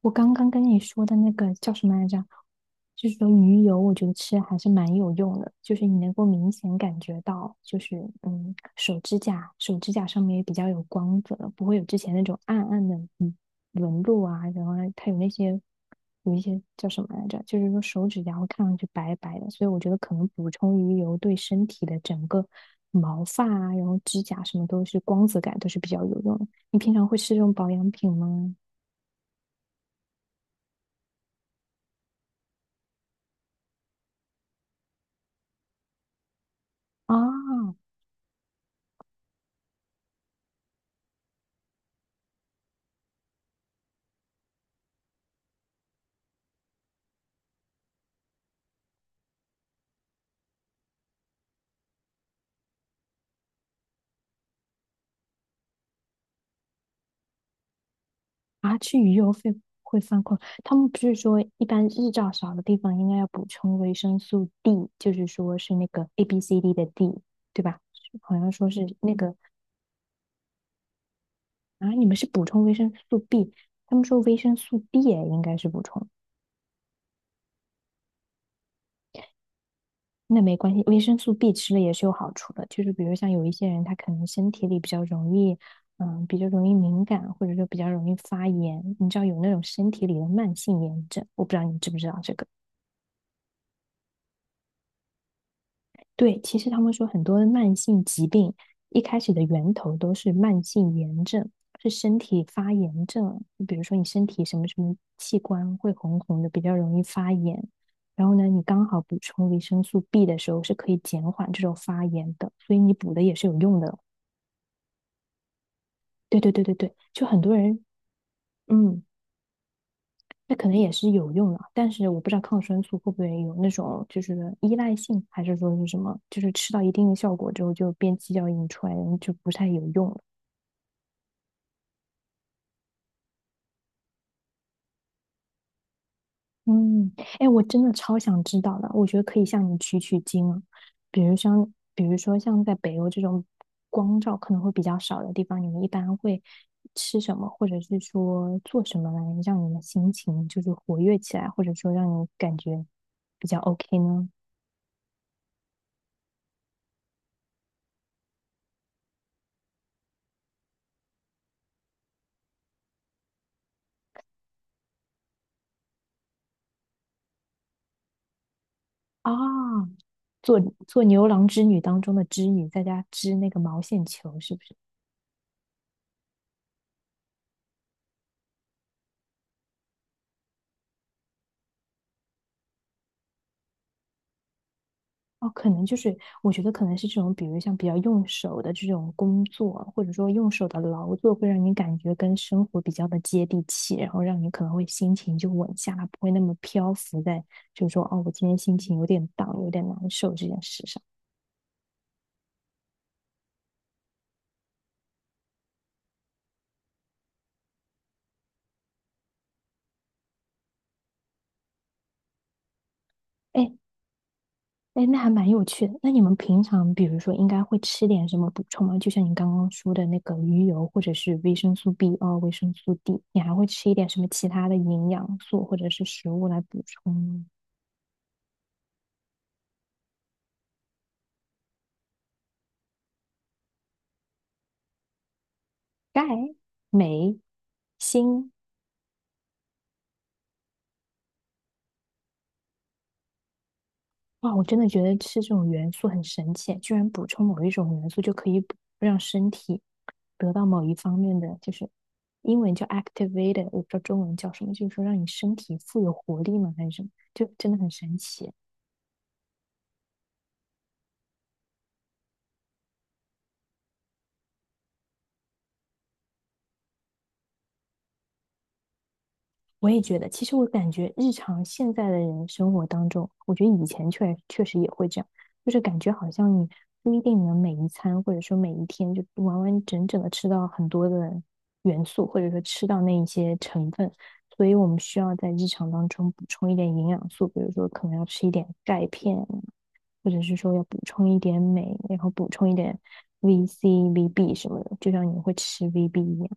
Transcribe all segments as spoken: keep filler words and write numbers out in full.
我刚刚跟你说的那个叫什么来着？就是说鱼油，我觉得吃还是蛮有用的，就是你能够明显感觉到，就是嗯，手指甲手指甲上面也比较有光泽，不会有之前那种暗暗的纹路啊，然后它有那些有一些叫什么来着？就是说手指甲会看上去白白的，所以我觉得可能补充鱼油对身体的整个毛发啊，然后指甲什么都是光泽感都是比较有用的。你平常会吃这种保养品吗？啊。啊，吃鱼游会会犯困。他们不是说，一般日照少的地方应该要补充维生素 D，就是说是那个 A B C D 的 D，对吧？好像说是那个啊，你们是补充维生素 B，他们说维生素 D 也应该是补充，那没关系，维生素 B 吃了也是有好处的。就是比如像有一些人，他可能身体里比较容易，嗯，比较容易敏感，或者说比较容易发炎，你知道有那种身体里的慢性炎症，我不知道你知不知道这个。对，其实他们说很多的慢性疾病一开始的源头都是慢性炎症，是身体发炎症。比如说你身体什么什么器官会红红的，比较容易发炎。然后呢，你刚好补充维生素 B 的时候是可以减缓这种发炎的，所以你补的也是有用的。对对对对对，就很多人，嗯，那可能也是有用的，但是我不知道抗生素会不会有那种就是依赖性，还是说是什么，就是吃到一定的效果之后就变鸡叫引出来，就不太有用了。嗯，哎，我真的超想知道的，我觉得可以向你取取经啊。比如像，比如说像在北欧这种光照可能会比较少的地方，你们一般会吃什么，或者是说做什么来让你的心情就是活跃起来，或者说让你感觉比较 OK 呢？啊，做做牛郎织女当中的织女，在家织那个毛线球，是不是？哦，可能就是我觉得可能是这种，比如像比较用手的这种工作，或者说用手的劳作，会让你感觉跟生活比较的接地气，然后让你可能会心情就稳下来，不会那么漂浮在，就是说哦，我今天心情有点荡，有点难受这件事上。哎，哎，那还蛮有趣的。那你们平常，比如说，应该会吃点什么补充吗？就像你刚刚说的那个鱼油，或者是维生素 B 二、维生素 D，你还会吃一点什么其他的营养素或者是食物来补充吗？钙、镁、锌。哇，我真的觉得吃这种元素很神奇，居然补充某一种元素就可以补让身体得到某一方面的，就是英文叫 activated，我不知道中文叫什么，就是说让你身体富有活力吗？还是什么？就真的很神奇。我也觉得，其实我感觉日常现在的人生活当中，我觉得以前确确实也会这样，就是感觉好像你不一定能每一餐或者说每一天就完完整整的吃到很多的元素，或者说吃到那一些成分，所以我们需要在日常当中补充一点营养素，比如说可能要吃一点钙片，或者是说要补充一点镁，然后补充一点 V C、V B 什么的，就像你会吃 V B 一样。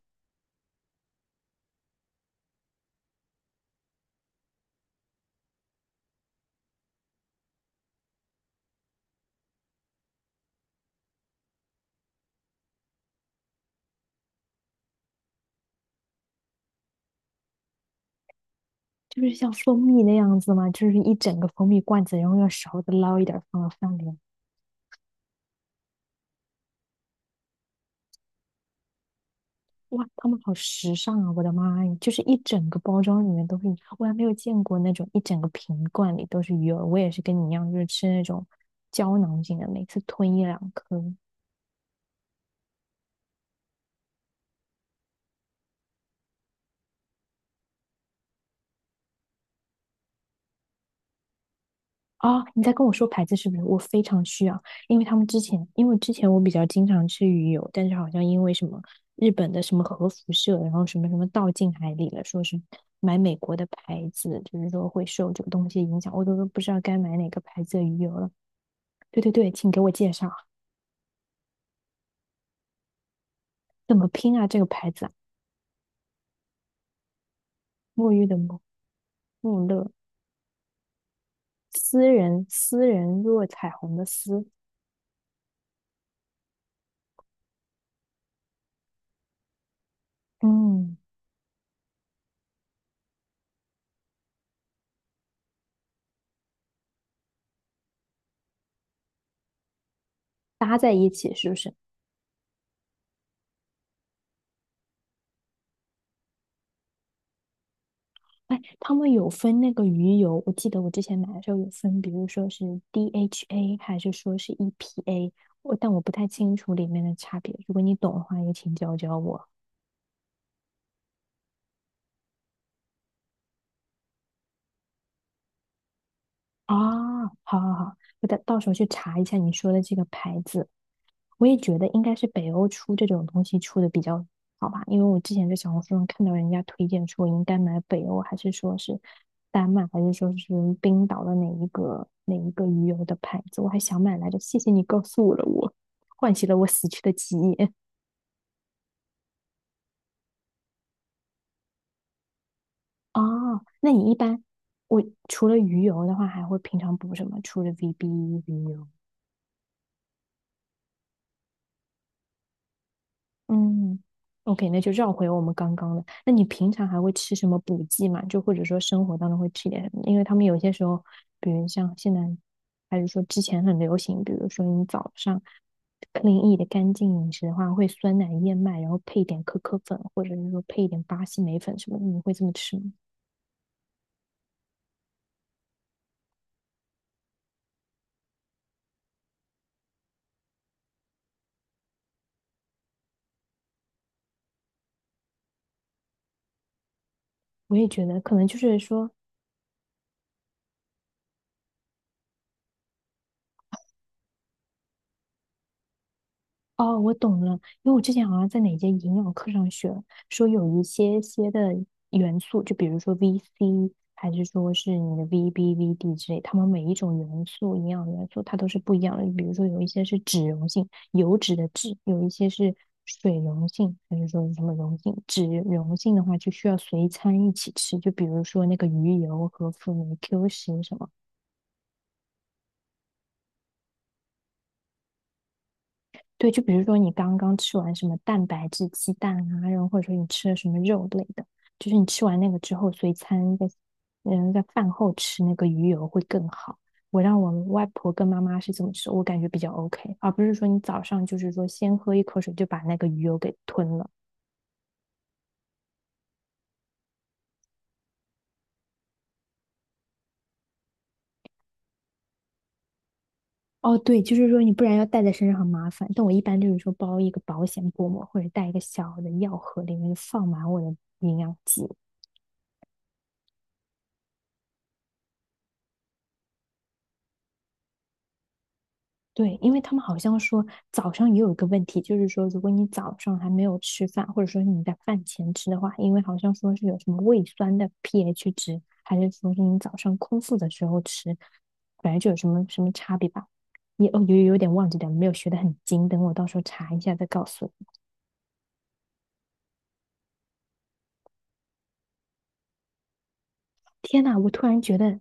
就是像蜂蜜那样子嘛，就是一整个蜂蜜罐子，然后用勺子捞一点儿放到饭里面。哇，他们好时尚啊！我的妈呀，就是一整个包装里面都是，我还没有见过那种一整个瓶罐里都是鱼饵。我也是跟你一样，就是吃那种胶囊型的，每次吞一两颗。啊，你在跟我说牌子是不是？我非常需要，因为他们之前，因为之前我比较经常吃鱼油，但是好像因为什么日本的什么核辐射，然后什么什么倒进海里了，说是买美国的牌子，就是说会受这个东西影响，我都都不知道该买哪个牌子的鱼油了。对对对，请给我介绍。怎么拼啊？这个牌子啊，沐浴的沐，穆勒，私人私人若彩虹的私，嗯，搭在一起是不是？哎，他们有分那个鱼油，我记得我之前买的时候有分，比如说是 D H A 还是说是 E P A，我但我不太清楚里面的差别。如果你懂的话，也请教教我。啊，好好好，我到到时候去查一下你说的这个牌子。我也觉得应该是北欧出这种东西出的比较好吧，因为我之前在小红书上看到人家推荐说应该买北欧，还是说是丹麦，还是说是冰岛的哪一个哪一个鱼油的牌子，我还想买来着。谢谢你告诉了我，唤起了我死去的记忆。哦，那你一般我除了鱼油的话，还会平常补什么？除了 V B 鱼油？嗯，OK，那就绕回我们刚刚的。那你平常还会吃什么补剂吗？就或者说生活当中会吃一点什么？因为他们有些时候，比如像现在，还是说之前很流行，比如说你早上 clean e 的干净饮食的话，会酸奶燕麦，然后配一点可可粉，或者是说配一点巴西莓粉什么的，你会这么吃吗？我也觉得可能就是说，哦，我懂了，因为我之前好像在哪节营养课上学，说有一些些的元素，就比如说 V C，还是说是你的 V B、V D 之类，它们每一种元素、营养元素它都是不一样的。比如说有一些是脂溶性，油脂的脂，有一些是水溶性，还是说是什么溶性？脂溶性的话就需要随餐一起吃，就比如说那个鱼油和辅酶 Q 十什么。对，就比如说你刚刚吃完什么蛋白质鸡蛋啊，然后或者说你吃了什么肉类的，就是你吃完那个之后，随餐在嗯在饭后吃那个鱼油会更好。我让我外婆跟妈妈是这么吃，我感觉比较 OK，而不是说你早上就是说先喝一口水就把那个鱼油给吞了。哦，对，就是说你不然要带在身上很麻烦。但我一般就是说包一个保险薄膜，或者带一个小的药盒，里面放满我的营养剂。对，因为他们好像说早上也有一个问题，就是说如果你早上还没有吃饭，或者说你在饭前吃的话，因为好像说是有什么胃酸的 pH 值，还是说是你早上空腹的时候吃，反正就有什么什么差别吧。也哦，有有点忘记了，没有学得很精，等我到时候查一下再告诉你。天呐，我突然觉得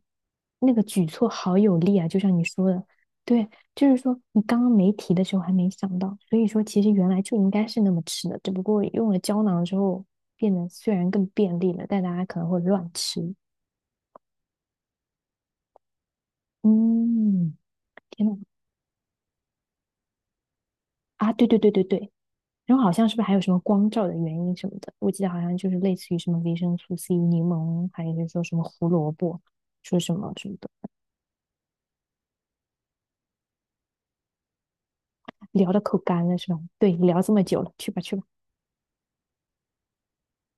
那个举措好有力啊！就像你说的，对，就是说你刚刚没提的时候还没想到，所以说其实原来就应该是那么吃的，只不过用了胶囊之后变得虽然更便利了，但大家可能会乱吃。嗯，天呐，啊，对对对对对，然后好像是不是还有什么光照的原因什么的？我记得好像就是类似于什么维生素 C、柠檬，还有就是说什么胡萝卜，说什么什么的，聊的口干了是吧？对，聊这么久了，去吧去吧。